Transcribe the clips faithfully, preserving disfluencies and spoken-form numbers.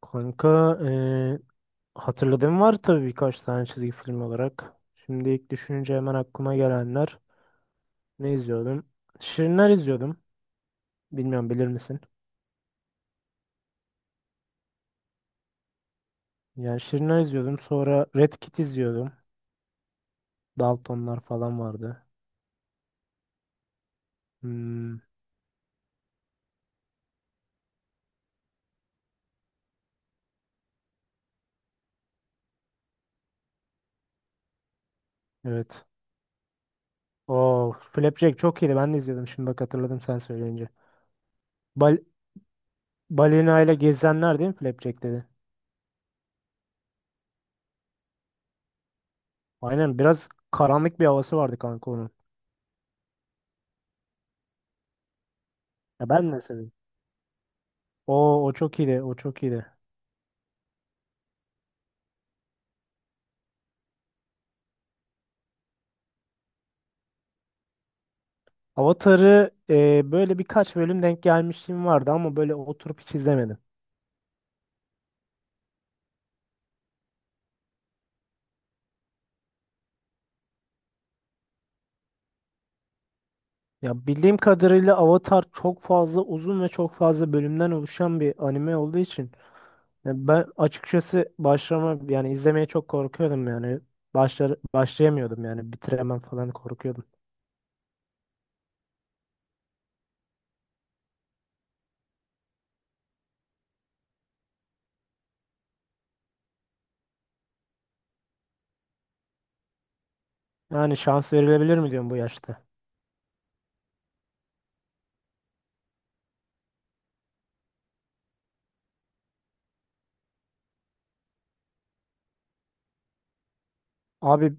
Kanka eee hatırladığım var tabii birkaç tane çizgi film olarak. Şimdi ilk düşününce hemen aklıma gelenler ne izliyordum? Şirinler izliyordum. Bilmiyorum bilir misin? Yani Şirinler izliyordum. Sonra Red Kit izliyordum. Daltonlar falan vardı. Hmm, evet. Oo, Flapjack çok iyiydi. Ben de izliyordum. Şimdi bak hatırladım sen söyleyince. Bal balina ile gezenler değil mi Flapjack dedi? Aynen, biraz karanlık bir havası vardı kanka onun. Ya ben de seviyorum. O o çok iyiydi. O çok iyiydi. Avatar'ı e, böyle birkaç bölüm denk gelmişliğim vardı ama böyle oturup hiç izlemedim. Ya bildiğim kadarıyla Avatar çok fazla uzun ve çok fazla bölümden oluşan bir anime olduğu için ya ben açıkçası başlama yani izlemeye çok korkuyordum yani başlar başlayamıyordum yani bitiremem falan korkuyordum. Yani şans verilebilir mi diyorum bu yaşta. Abi,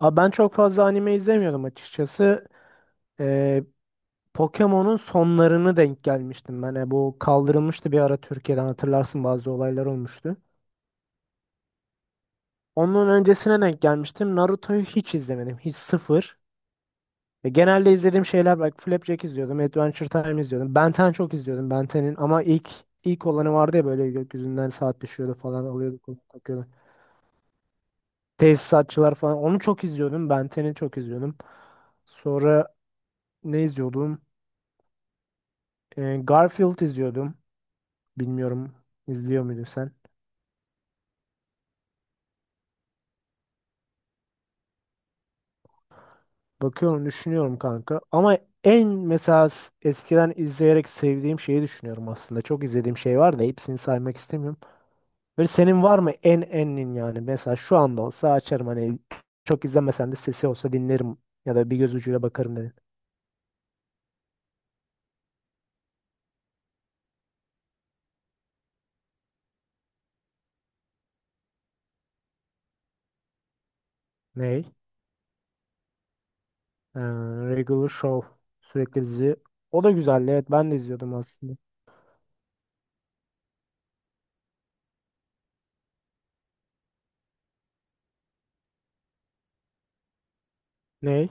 abi ben çok fazla anime izlemiyordum açıkçası. Ee, Pokemon'un sonlarını denk gelmiştim ben. E, bu kaldırılmıştı bir ara Türkiye'den, hatırlarsın bazı olaylar olmuştu. Onun öncesine denk gelmiştim. Naruto'yu hiç izlemedim. Hiç, sıfır. Ve genelde izlediğim şeyler bak, Flapjack izliyordum. Adventure Time izliyordum. Ben on çok izliyordum, Ben onun ama ilk ilk olanı vardı ya, böyle gökyüzünden saat düşüyordu falan, alıyordu kolu takıyordu. Tesisatçılar falan, onu çok izliyordum. Ben onu çok izliyordum. Sonra ne izliyordum? E, Garfield izliyordum. Bilmiyorum, izliyor muydun sen? Bakıyorum, düşünüyorum kanka. Ama en mesela s- eskiden izleyerek sevdiğim şeyi düşünüyorum aslında. Çok izlediğim şey var da hepsini saymak istemiyorum. Böyle senin var mı en enin yani? Mesela şu anda olsa açarım, hani çok izlemesen de sesi olsa dinlerim ya da bir göz ucuyla bakarım dedin. Ney? Ee, Regular Show, sürekli dizi. O da güzeldi, evet, ben de izliyordum aslında. Ney?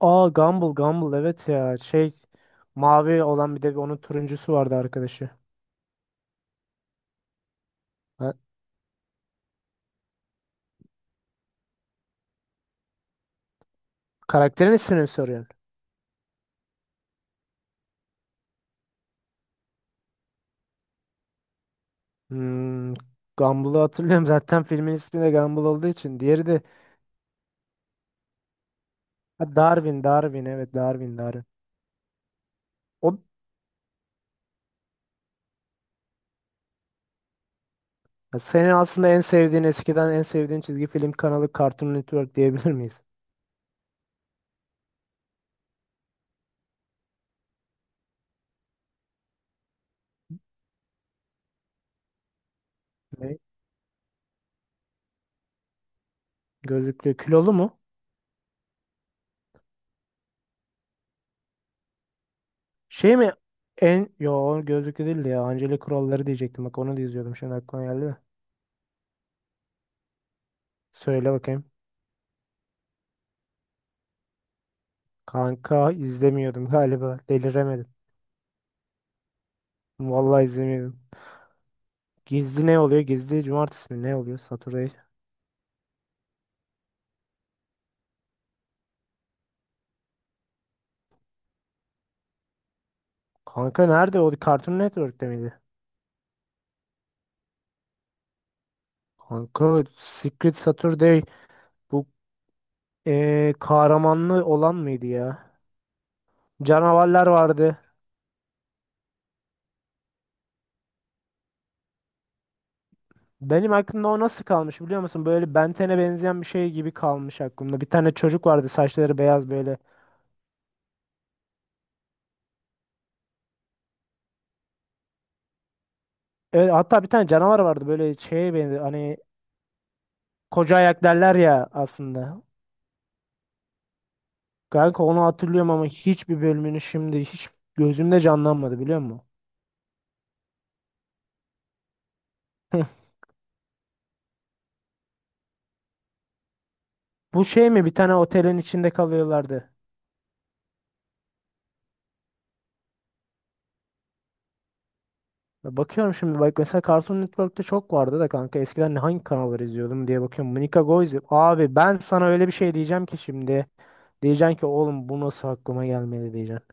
Aa, Gumball, Gumball, evet ya, şey, mavi olan, bir de onun turuncusu vardı arkadaşı. Ha, karakterin ismini mi soruyorsun? Hmm, Gumball'ı hatırlıyorum. Zaten filmin ismi de Gumball olduğu için. Diğeri de ha, Darwin, Darwin. Evet, Darwin, Darwin. O, ya senin aslında en sevdiğin, eskiden en sevdiğin çizgi film kanalı Cartoon Network diyebilir miyiz? Ne? Gözlüklü, kilolu mu? Şey mi? En, yo, o gözlüklü değildi ya. Angelic Kuralları diyecektim. Bak onu da izliyordum. Şimdi aklıma geldi de. Söyle bakayım. Kanka izlemiyordum galiba. Deliremedim. Vallahi izlemiyordum. Gizli ne oluyor? Gizli cumartesi mi? Ne oluyor? Saturday, kanka nerede? O Cartoon Network'te miydi? Kanka Secret Saturday, bu eee kahramanlı olan mıydı ya? Canavarlar vardı. Benim aklımda o nasıl kalmış biliyor musun? Böyle Ben ona benzeyen bir şey gibi kalmış aklımda. Bir tane çocuk vardı, saçları beyaz böyle. Evet, hatta bir tane canavar vardı, böyle şeye benziyor. Hani koca ayak derler ya aslında. Kanka onu hatırlıyorum ama hiçbir bölümünü şimdi hiç gözümde canlanmadı, biliyor musun? Bu şey mi? Bir tane otelin içinde kalıyorlardı. Ya, bakıyorum şimdi, bak, mesela Cartoon Network'te çok vardı da kanka, eskiden hangi kanalları izliyordum diye bakıyorum. Monica Go izliyorum. Abi ben sana öyle bir şey diyeceğim ki şimdi. Diyeceksin ki oğlum bu nasıl aklıma gelmedi diyeceksin.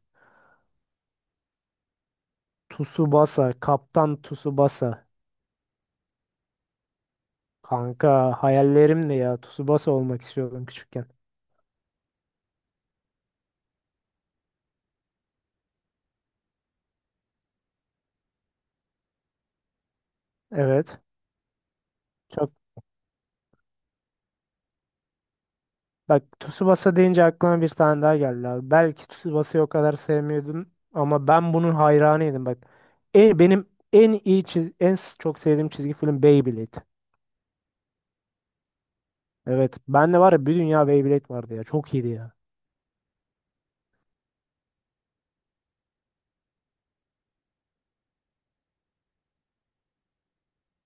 Tsubasa, Kaptan Tsubasa. Kanka hayallerimdi ya. Tsubasa olmak istiyordum küçükken. Evet. Çok, bak, Tsubasa deyince aklıma bir tane daha geldi abi. Belki Tsubasa'yı o kadar sevmiyordum ama ben bunun hayranıydım bak. E, benim en iyi çiz en s- çok sevdiğim çizgi film Beyblade. Evet. Ben de var ya, bir dünya Beyblade vardı ya. Çok iyiydi ya.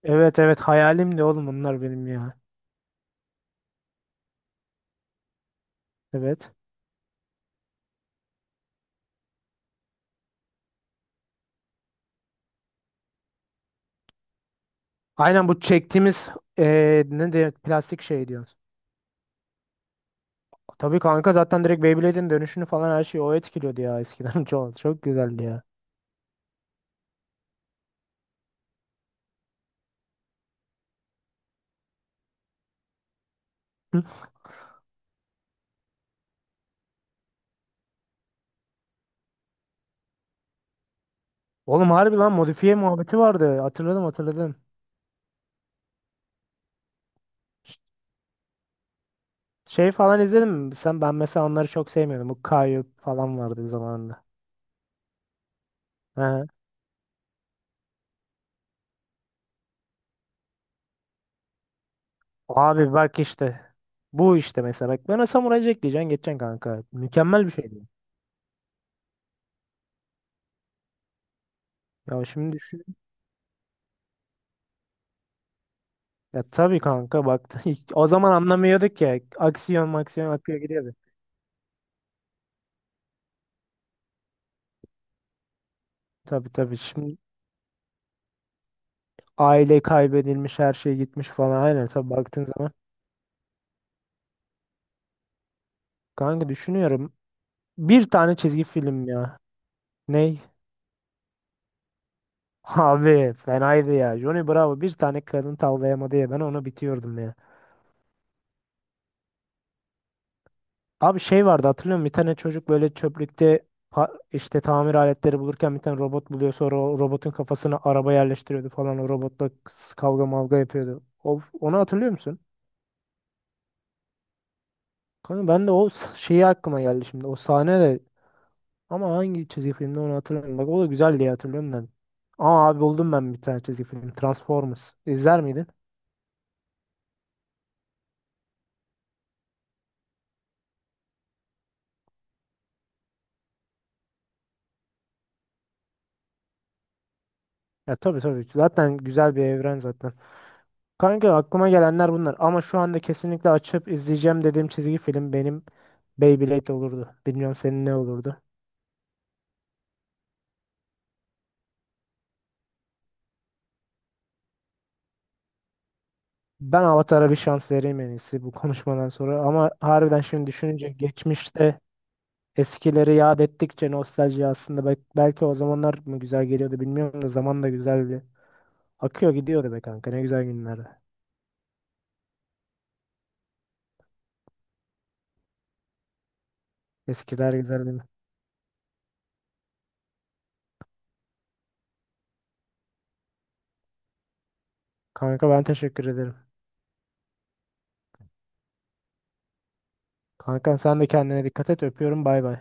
Evet, evet, hayalim de oğlum bunlar benim ya. Evet. Aynen, bu çektiğimiz eee, ne de plastik şey diyorsun. Tabii kanka, zaten direkt Beyblade'in dönüşünü falan her şeyi o etkiliyordu ya eskiden. Çok çok güzeldi ya. Oğlum harbi lan modifiye muhabbeti vardı. Hatırladım hatırladım. Ş- Şey falan izledim mi? Sen, ben mesela onları çok sevmiyordum. Bu Kayu falan vardı zamanında. He. Abi bak işte. Bu işte mesela bak, bana Samurai Jack diyeceksin geçeceksin kanka. Mükemmel bir şeydi. Ya şimdi düşün. Ya tabii kanka bak, ilk- o zaman anlamıyorduk ya. Aksiyon maksiyon akıyor gidiyordu. Tabii, tabii, şimdi aile kaybedilmiş, her şey gitmiş falan, aynen, tabii baktığın zaman. Kanka düşünüyorum bir tane çizgi film ya. Ney? Abi fenaydı ya. Johnny Bravo bir tane kadın tavlayamadı ya, ben onu bitiyordum ya. Abi şey vardı hatırlıyor musun? Bir tane çocuk böyle çöplükte pa- işte tamir aletleri bulurken bir tane robot buluyor, sonra o robotun kafasına araba yerleştiriyordu falan, o robotla kıs- kavga mavga yapıyordu. O, onu hatırlıyor musun? Kanka ben de o s- şeyi aklıma geldi şimdi o sahne de, ama hangi çizgi filmde onu hatırlamıyorum. Bak o da güzel diye hatırlıyorum ben. Aa abi, buldum ben bir tane çizgi film, Transformers. İzler miydin? Ya tabii, tabii. Zaten güzel bir evren zaten. Kanka aklıma gelenler bunlar. Ama şu anda kesinlikle açıp izleyeceğim dediğim çizgi film benim Beyblade olurdu. Bilmiyorum senin ne olurdu. Ben Avatar'a bir şans vereyim, en iyisi, bu konuşmadan sonra. Ama harbiden şimdi düşününce geçmişte eskileri yad ettikçe nostalji aslında bel- belki o zamanlar mı güzel geliyordu bilmiyorum da, zaman da güzel bir akıyor gidiyordu be kanka, ne güzel günlerdi. Eskiler güzeldi. Kanka ben teşekkür ederim. Kanka sen de kendine dikkat et, öpüyorum, bay bay.